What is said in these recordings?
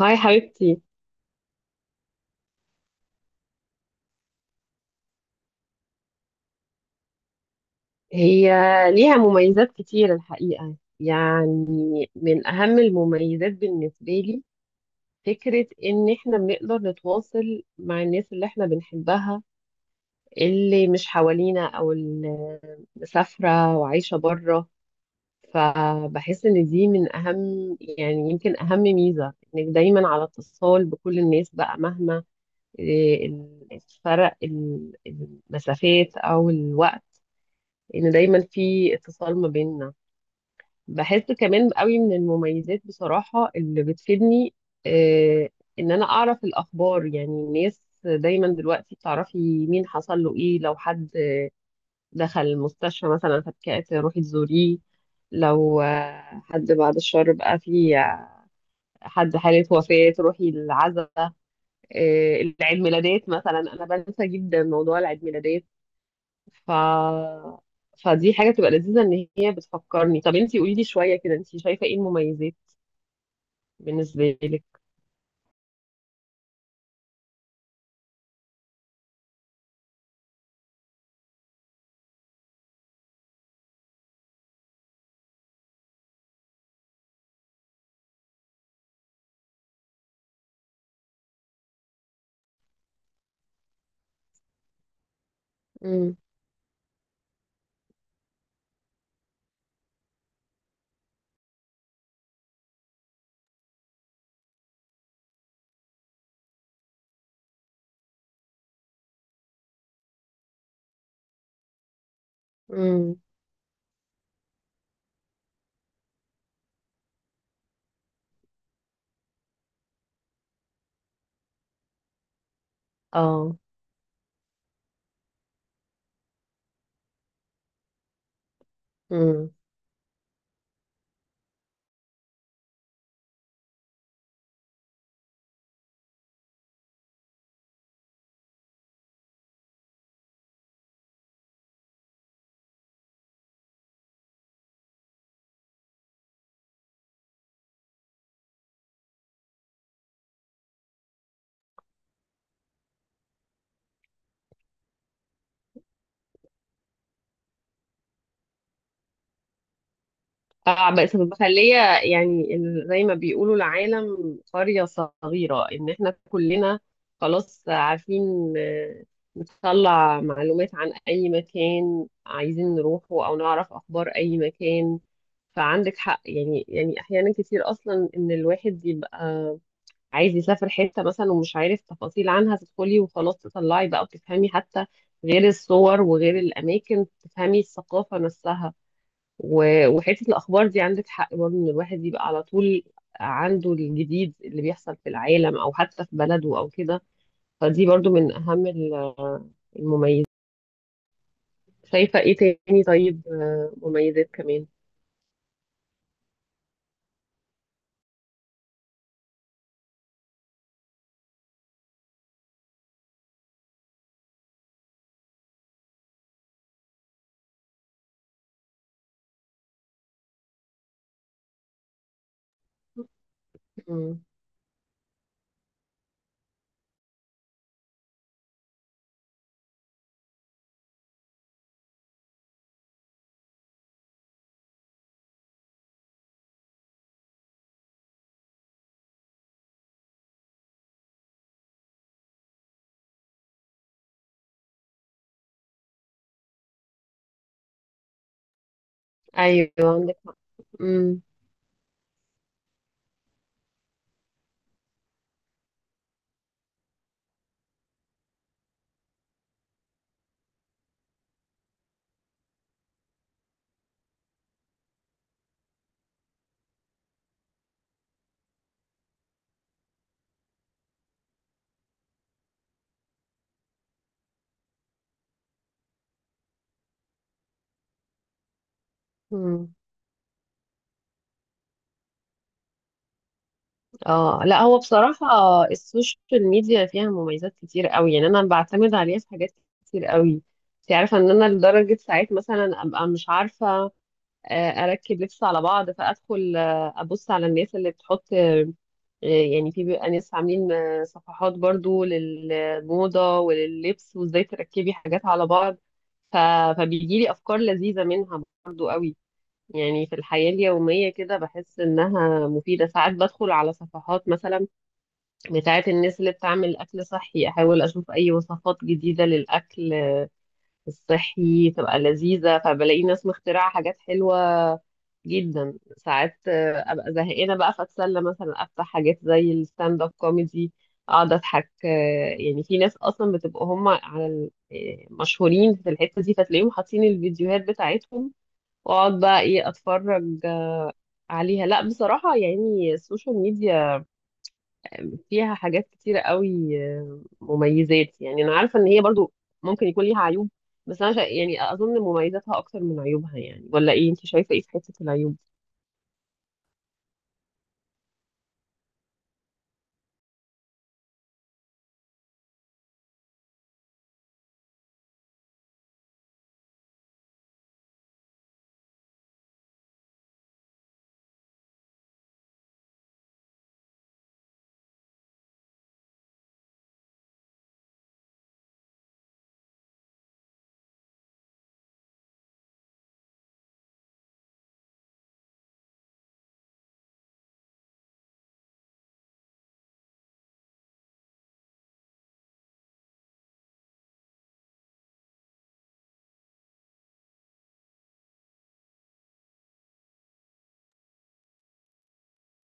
هاي حبيبتي. هي ليها مميزات كتير الحقيقة، يعني من أهم المميزات بالنسبة لي فكرة إن إحنا بنقدر نتواصل مع الناس اللي إحنا بنحبها، اللي مش حوالينا أو اللي مسافرة وعايشة بره. فبحس إن دي من أهم، يعني يمكن أهم ميزة، إنك دايما على اتصال بكل الناس بقى مهما إيه، الفرق، المسافات أو الوقت، ان دايما في اتصال ما بيننا. بحس كمان قوي من المميزات بصراحة اللي بتفيدني، آه، ان انا اعرف الاخبار. يعني الناس دايما دلوقتي بتعرفي مين حصل له ايه. لو حد دخل المستشفى مثلا فاتكأت روحي تزوريه، لو حد بعد الشر بقى في حد حالة وفاة روحي العزاء. العيد ميلادات مثلا انا بنسى جدا موضوع العيد ميلادات. ف فدي حاجة بتبقى لذيذة ان هي بتفكرني. طب انتي قولي لي شوية كده، انتي شايفة ايه المميزات بالنسبة لك؟ امم. امم. اه. امم. اه بس مخلية، يعني زي ما بيقولوا العالم قرية صغيرة، ان احنا كلنا خلاص عارفين، نطلع معلومات عن اي مكان عايزين نروحه او نعرف اخبار اي مكان. فعندك حق، يعني يعني احيانا كتير اصلا ان الواحد يبقى عايز يسافر حتة مثلا ومش عارف تفاصيل عنها، تدخلي وخلاص تطلعي بقى وتفهمي، حتى غير الصور وغير الأماكن تفهمي الثقافة نفسها. وحتة الأخبار دي عندك حق برضه، إن الواحد يبقى على طول عنده الجديد اللي بيحصل في العالم أو حتى في بلده أو كده. فدي برضه من أهم المميزات. شايفة إيه تاني؟ طيب، مميزات كمان. مم. أيوه عندك حق. مم. مم. اه لا، هو بصراحة السوشيال ميديا فيها مميزات كتير قوي. يعني انا بعتمد عليها في حاجات كتير قوي. انت عارفة ان انا لدرجة ساعات مثلا ابقى مش عارفة اركب لبس على بعض، فادخل ابص على الناس اللي بتحط، يعني في بيبقى ناس عاملين صفحات برضو للموضة ولللبس وازاي تركبي حاجات على بعض. ف... فبيجيلي افكار لذيذة منها برضو قوي. يعني في الحياة اليومية كده بحس إنها مفيدة. ساعات بدخل على صفحات مثلا بتاعة الناس اللي بتعمل أكل صحي، أحاول أشوف أي وصفات جديدة للأكل الصحي تبقى لذيذة، فبلاقي ناس مخترعة حاجات حلوة جدا. ساعات أبقى زهقانة بقى فأتسلى مثلا أفتح حاجات زي الستاند أب كوميدي أقعد أضحك. يعني في ناس أصلا بتبقى هم على مشهورين في الحتة دي، فتلاقيهم حاطين الفيديوهات بتاعتهم واقعد بقى ايه اتفرج عليها. لا بصراحة يعني السوشيال ميديا فيها حاجات كتيرة قوي، مميزات. يعني أنا عارفة إن هي برضو ممكن يكون ليها عيوب، بس أنا يعني أظن مميزاتها أكتر من عيوبها، يعني ولا إيه؟ أنت شايفة إيه في حتة العيوب؟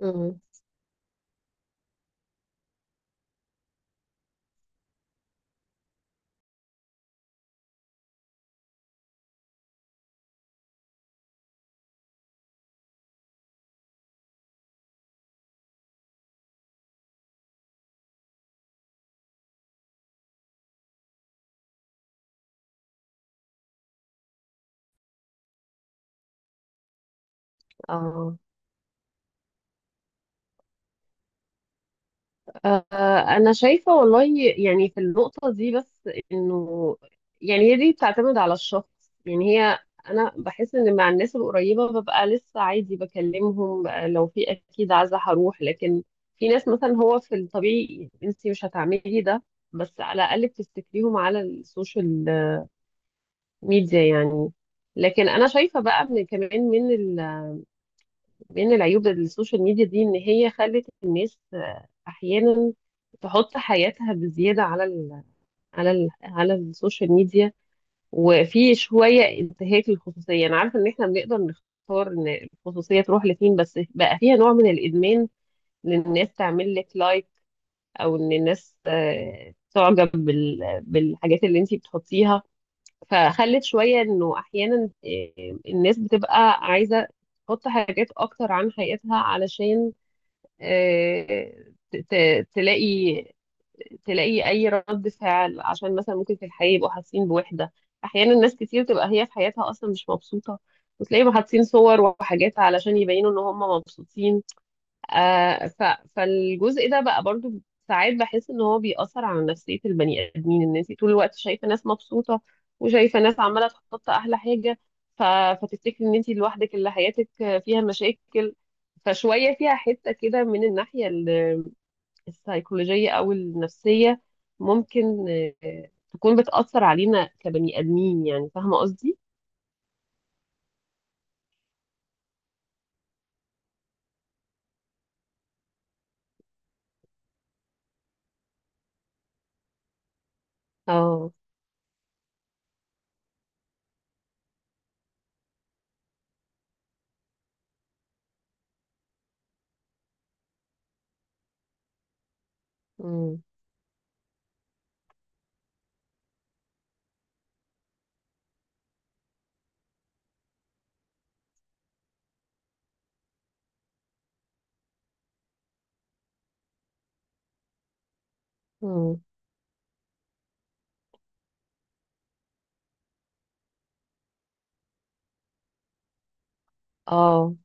امم. اه. آه، أنا شايفة والله، يعني في النقطة دي بس إنه يعني هي دي بتعتمد على الشخص. يعني هي أنا بحس إن مع الناس القريبة ببقى لسه عادي بكلمهم، لو في أكيد عايزة هروح. لكن في ناس مثلا هو في الطبيعي أنت مش هتعملي ده، بس على الأقل بتفتكريهم على السوشيال ميديا يعني. لكن أنا شايفة بقى من كمان من العيوب السوشيال ميديا دي، ان هي خلت الناس احيانا تحط حياتها بزياده على السوشيال ميديا. وفي شويه انتهاك للخصوصيه، انا عارفه ان احنا بنقدر نختار ان الخصوصيه تروح لفين، بس بقى فيها نوع من الادمان ان الناس تعمل لك لايك او ان الناس تعجب بالحاجات اللي انتي بتحطيها. فخلت شويه انه احيانا الناس بتبقى عايزه تحط حاجات اكتر عن حياتها علشان آه، ت- تلاقي تلاقي اي رد فعل، عشان مثلا ممكن في الحياه يبقوا حاسين بوحده. احيانا ناس كتير تبقى هي في حياتها اصلا مش مبسوطه، وتلاقيهم حاطين صور وحاجات علشان يبينوا ان هم مبسوطين. آه ف... فالجزء ده بقى برضو ساعات بحس ان هو بيأثر على نفسية البني ادمين، ان انت طول الوقت شايفة ناس مبسوطة وشايفة ناس عمالة تحط احلى حاجة. ف... فتفتكري ان انت لوحدك اللي حياتك فيها مشاكل. فشوية فيها حتة كده من الناحية السيكولوجية او النفسية ممكن تكون بتأثر علينا كبني ادمين. يعني فاهمة قصدي؟ اه. امم. امم. اه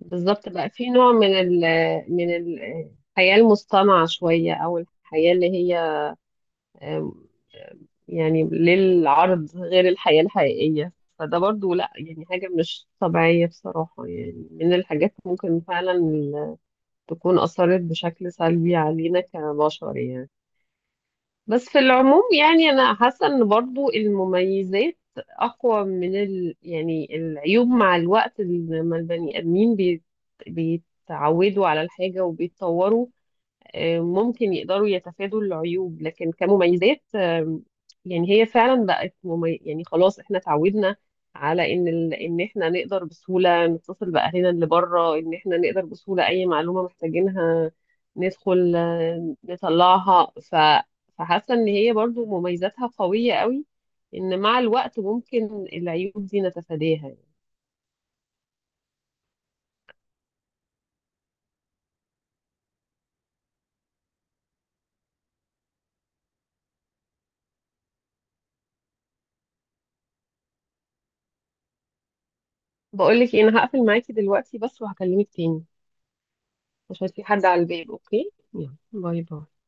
بالظبط، بقى في نوع الحياة المصطنعة شوية، أو الحياة اللي هي آم، آم، يعني للعرض غير الحياة الحقيقية. فده برضو لا يعني حاجة مش طبيعية بصراحة، يعني من الحاجات ممكن فعلا تكون أثرت بشكل سلبي علينا كبشر يعني. بس في العموم يعني انا حاسه ان برضو المميزات اقوى من يعني العيوب. مع الوقت لما البني ادمين بيتعودوا على الحاجه وبيتطوروا، ممكن يقدروا يتفادوا العيوب. لكن كمميزات، يعني هي فعلا يعني خلاص احنا اتعودنا على ان احنا نقدر بسهولة نتصل بأهلنا اللي بره، ان احنا نقدر بسهولة اي معلومة محتاجينها ندخل نطلعها. فحاسة ان هي برضو مميزاتها قوية قوي، ان مع الوقت ممكن العيوب دي نتفاداها. بقولك إيه، انا هقفل معاكي دلوقتي بس وهكلمك تاني، عشان في حد على الباب. اوكي، يلا باي باي.